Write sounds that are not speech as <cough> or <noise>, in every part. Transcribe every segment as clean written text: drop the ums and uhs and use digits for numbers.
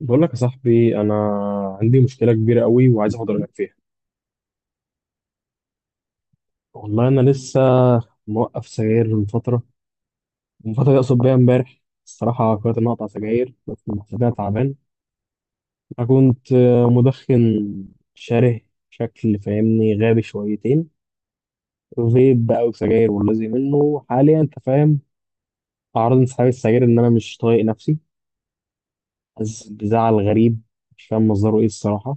بقول لك يا صاحبي انا عندي مشكله كبيره قوي وعايز اخد رايك فيها. والله انا لسه موقف سجاير من فتره. يقصد بيها امبارح الصراحه. قررت ان أنا اقطع سجاير بس محسبها تعبان. انا كنت مدخن شره. شكل فاهمني غابي شويتين. فيب بقى وسجاير والذي منه حاليا انت فاهم. اعراض انسحاب السجاير ان انا مش طايق نفسي. حاسس بزعل غريب مش فاهم مصدره ايه الصراحه.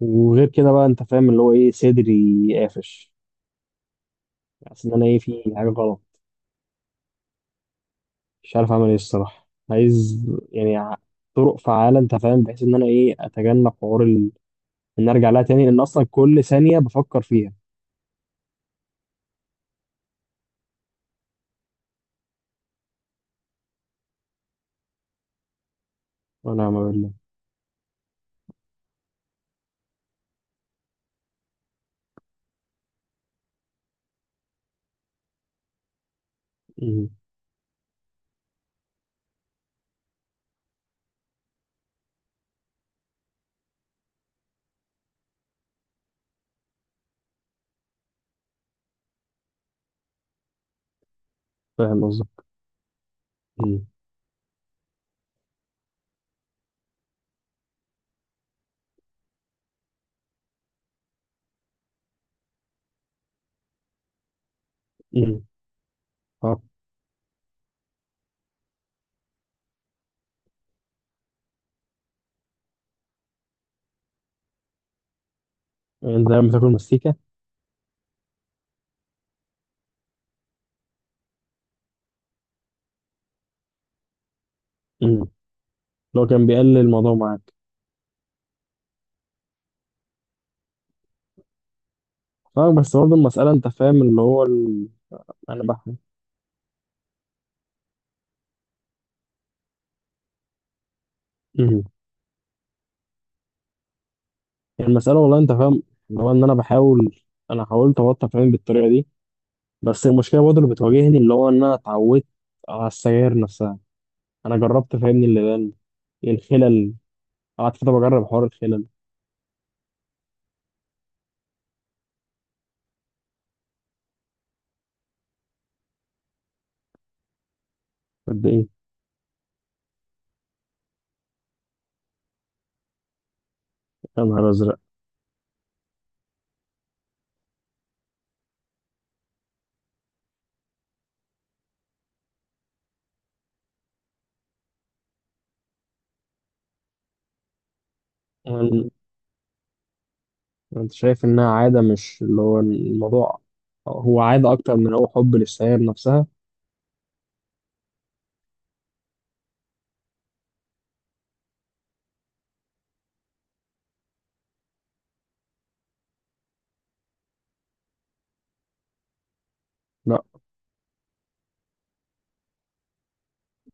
وغير كده بقى انت فاهم اللي هو ايه صدري قافش. حاسس ان انا ايه في حاجه غلط. مش عارف اعمل ايه الصراحه. عايز يعني طرق فعاله انت فاهم بحيث ان انا ايه اتجنب حوار ان ارجع لها تاني لان اصلا كل ثانيه بفكر فيها. وانا ما بالله. أمم، فاهم قصدك. أمم، أمم، آه. انت لما بتاكل مستيكه؟ اللي هو كان بيقلل الموضوع معاك. فاهم بس برضه المساله انت فاهم اللي هو انا بح... أمم. المساله والله انت فاهم اللي هو ان انا بحاول. انا حاولت ابطل فاهم بالطريقه دي. بس المشكله برضه اللي بتواجهني اللي هو ان انا اتعودت على السجاير نفسها. انا جربت فاهمني اللبان. الخلل قعدت فتره بجرب حوار الخلل. قد ايه؟ يا نهار ازرق. يعني انت شايف انها عاده مش اللي هو الموضوع. هو عاده اكتر من هو حب للسيارة نفسها. لا.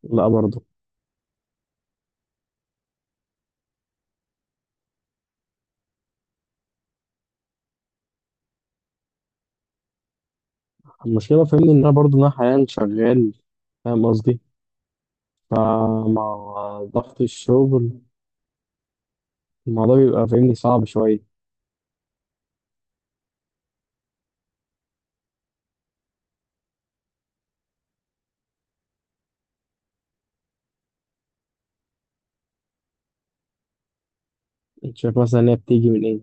لا برضه. المشكله فاهمني ان انا برضه انا حاليا شغال فاهم قصدي. فمع ضغط الشغل الموضوع بيبقى فاهمني صعب شويه. انت شايف مثلا ان هي بتيجي من ايه؟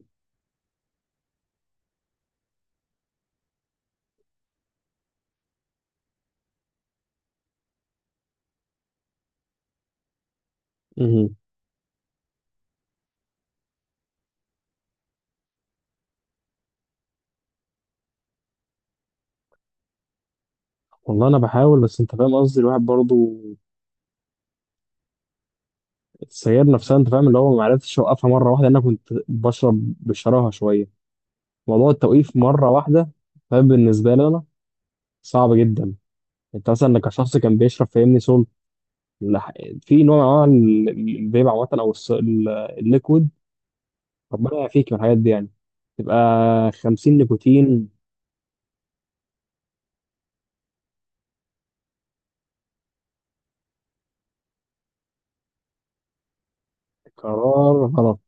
مهم. والله انا بحاول بس انت فاهم قصدي الواحد برضه. السيارة نفسها انت فاهم اللي هو ما عرفتش اوقفها مرة واحدة لأن انا كنت بشرب بشراهة شوية. موضوع التوقيف مرة واحدة فاهم بالنسبة لي انا صعب جدا. انت مثلا انك شخص كان بيشرب فاهمني سول لح- في نوع من انواع الفيب عامة او الليكويد. ربنا يعافيك من الحاجات دي يعني. تبقى 50 نيكوتين. قرار غلط.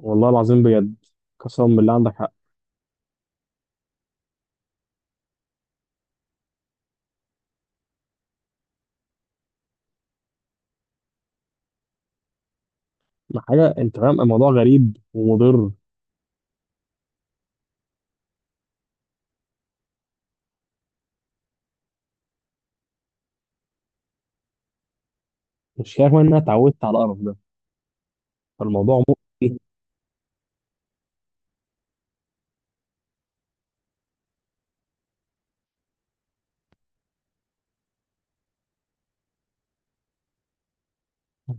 والله العظيم بجد قسما بالله عندك حق. ما حاجة انت فاهم الموضوع غريب ومضر. مش كده كمان إن انا اتعودت على القرف ده. فالموضوع مؤذي.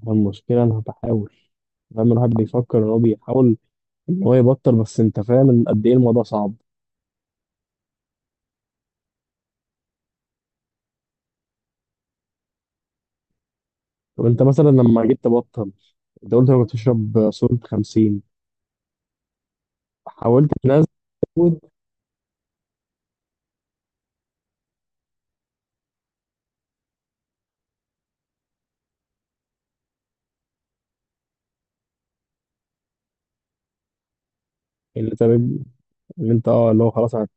المشكلة أنا بحاول فاهم الواحد بيفكر إن هو بيحاول إن هو يبطل بس أنت فاهم إن قد إيه الموضوع صعب. طب أنت مثلا لما جيت تبطل أنت قلت أنا كنت بشرب صورة 50. حاولت تنزل. اللي أنت اللي أنت أه اللي هو خلاص أنا.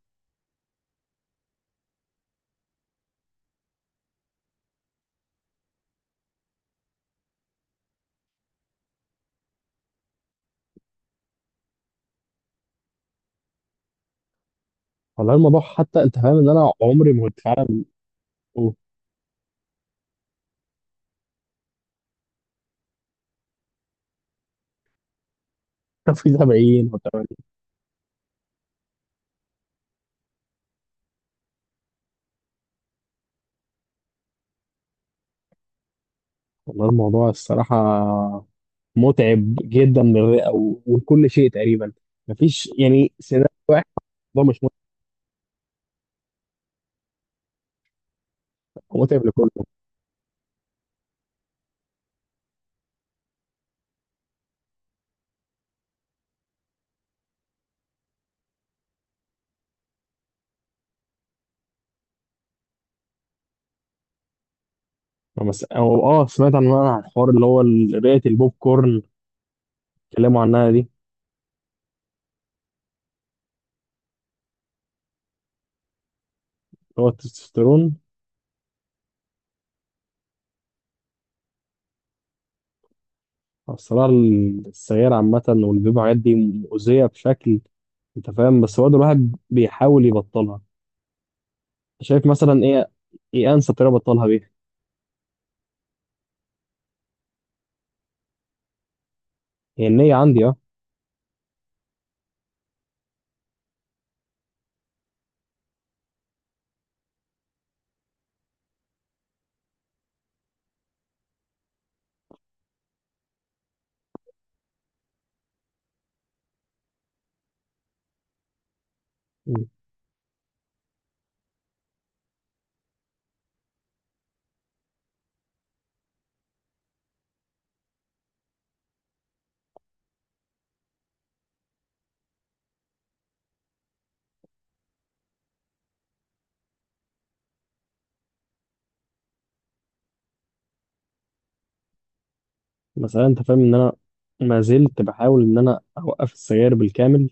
والله الموضوع حتى أنت فاهم إن أنا عمري ما كنت فعلا. بقول. <laughs> طب في 70 و80؟ والله الموضوع الصراحة متعب جدا للرئة ولكل شيء تقريبا. مفيش يعني سيناريو واحد. الموضوع مش متعب. هو متعب لكل. ما بس أو آه سمعت عن الحوار اللي هو رئة البوب كورن. اتكلموا عنها دي اللي هو التستوستيرون. الصراحة السجاير عامة والفيب والحاجات دي مؤذية بشكل أنت فاهم بس هو ده الواحد بيحاول يبطلها. شايف مثلا إيه أنسب طريقة أبطلها بيها؟ هي النية عندي أه. مثلا أنت فاهم إن أنا ما زلت بحاول إن أنا أوقف السجاير بالكامل.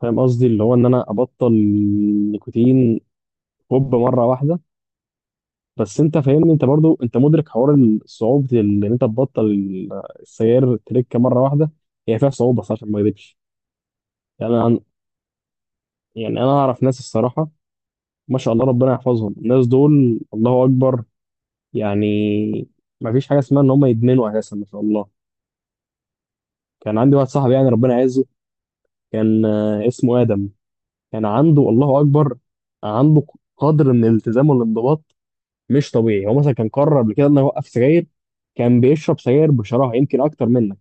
فاهم قصدي اللي هو إن أنا أبطل النيكوتين هوب مرة واحدة. بس انت فاهمني انت برضو انت مدرك حوار صعوبه ان انت تبطل السيار تريكه مره واحده. هي فيها صعوبه صح عشان ما اكذبش. يعني انا يعني انا اعرف ناس الصراحه. ما شاء الله ربنا يحفظهم الناس دول الله اكبر. يعني ما فيش حاجه اسمها ان هم يدمنوا اساسا ما شاء الله. كان عندي واحد صاحبي يعني ربنا يعزه. كان اسمه ادم. كان عنده الله اكبر. عنده قدر من الالتزام والانضباط مش طبيعي. هو مثلا كان قرر قبل كده انه يوقف سجاير. كان بيشرب سجاير بشراهه يمكن اكتر منك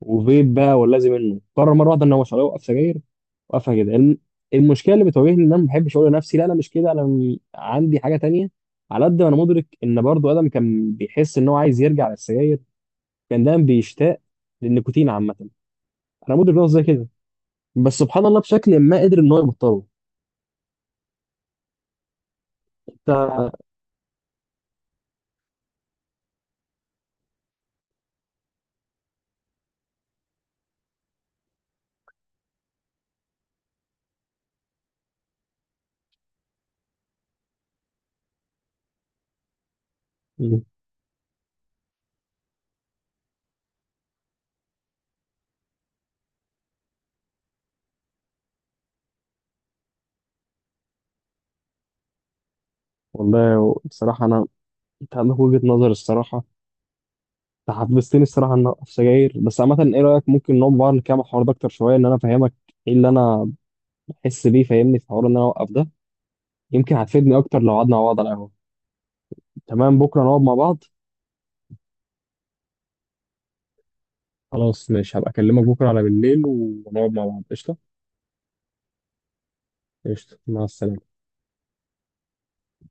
وفيب بقى واللازم منه. قرر مره واحده ان هو مش هيوقف سجاير. وقفها كده المشكله اللي بتواجهني ان انا ما بحبش اقول لنفسي لا انا مش كده انا عندي حاجه تانية. على قد ما انا مدرك ان برضو ادم كان بيحس ان هو عايز يرجع للسجاير. كان دايما بيشتاق للنيكوتين عامه. انا مدرك ان هو زي كده. بس سبحان الله بشكل ما قدر ان هو يبطله. انت مم. والله بصراحه انا انت عندك وجهه نظر الصراحه. انت حفزتني الصراحه ان أنا اوقف سجاير. بس عامه ايه رايك ممكن نقعد بقى نكمل الحوار ده اكتر شويه ان انا افهمك ايه اللي انا احس بيه فاهمني في حوار ان انا اوقف ده؟ يمكن هتفيدني اكتر لو قعدنا مع بعض على القهوه. تمام بكره نقعد مع بعض. خلاص ماشي هبقى اكلمك بكره على بالليل ونقعد مع بعض قشطه. قشطه مع السلامه.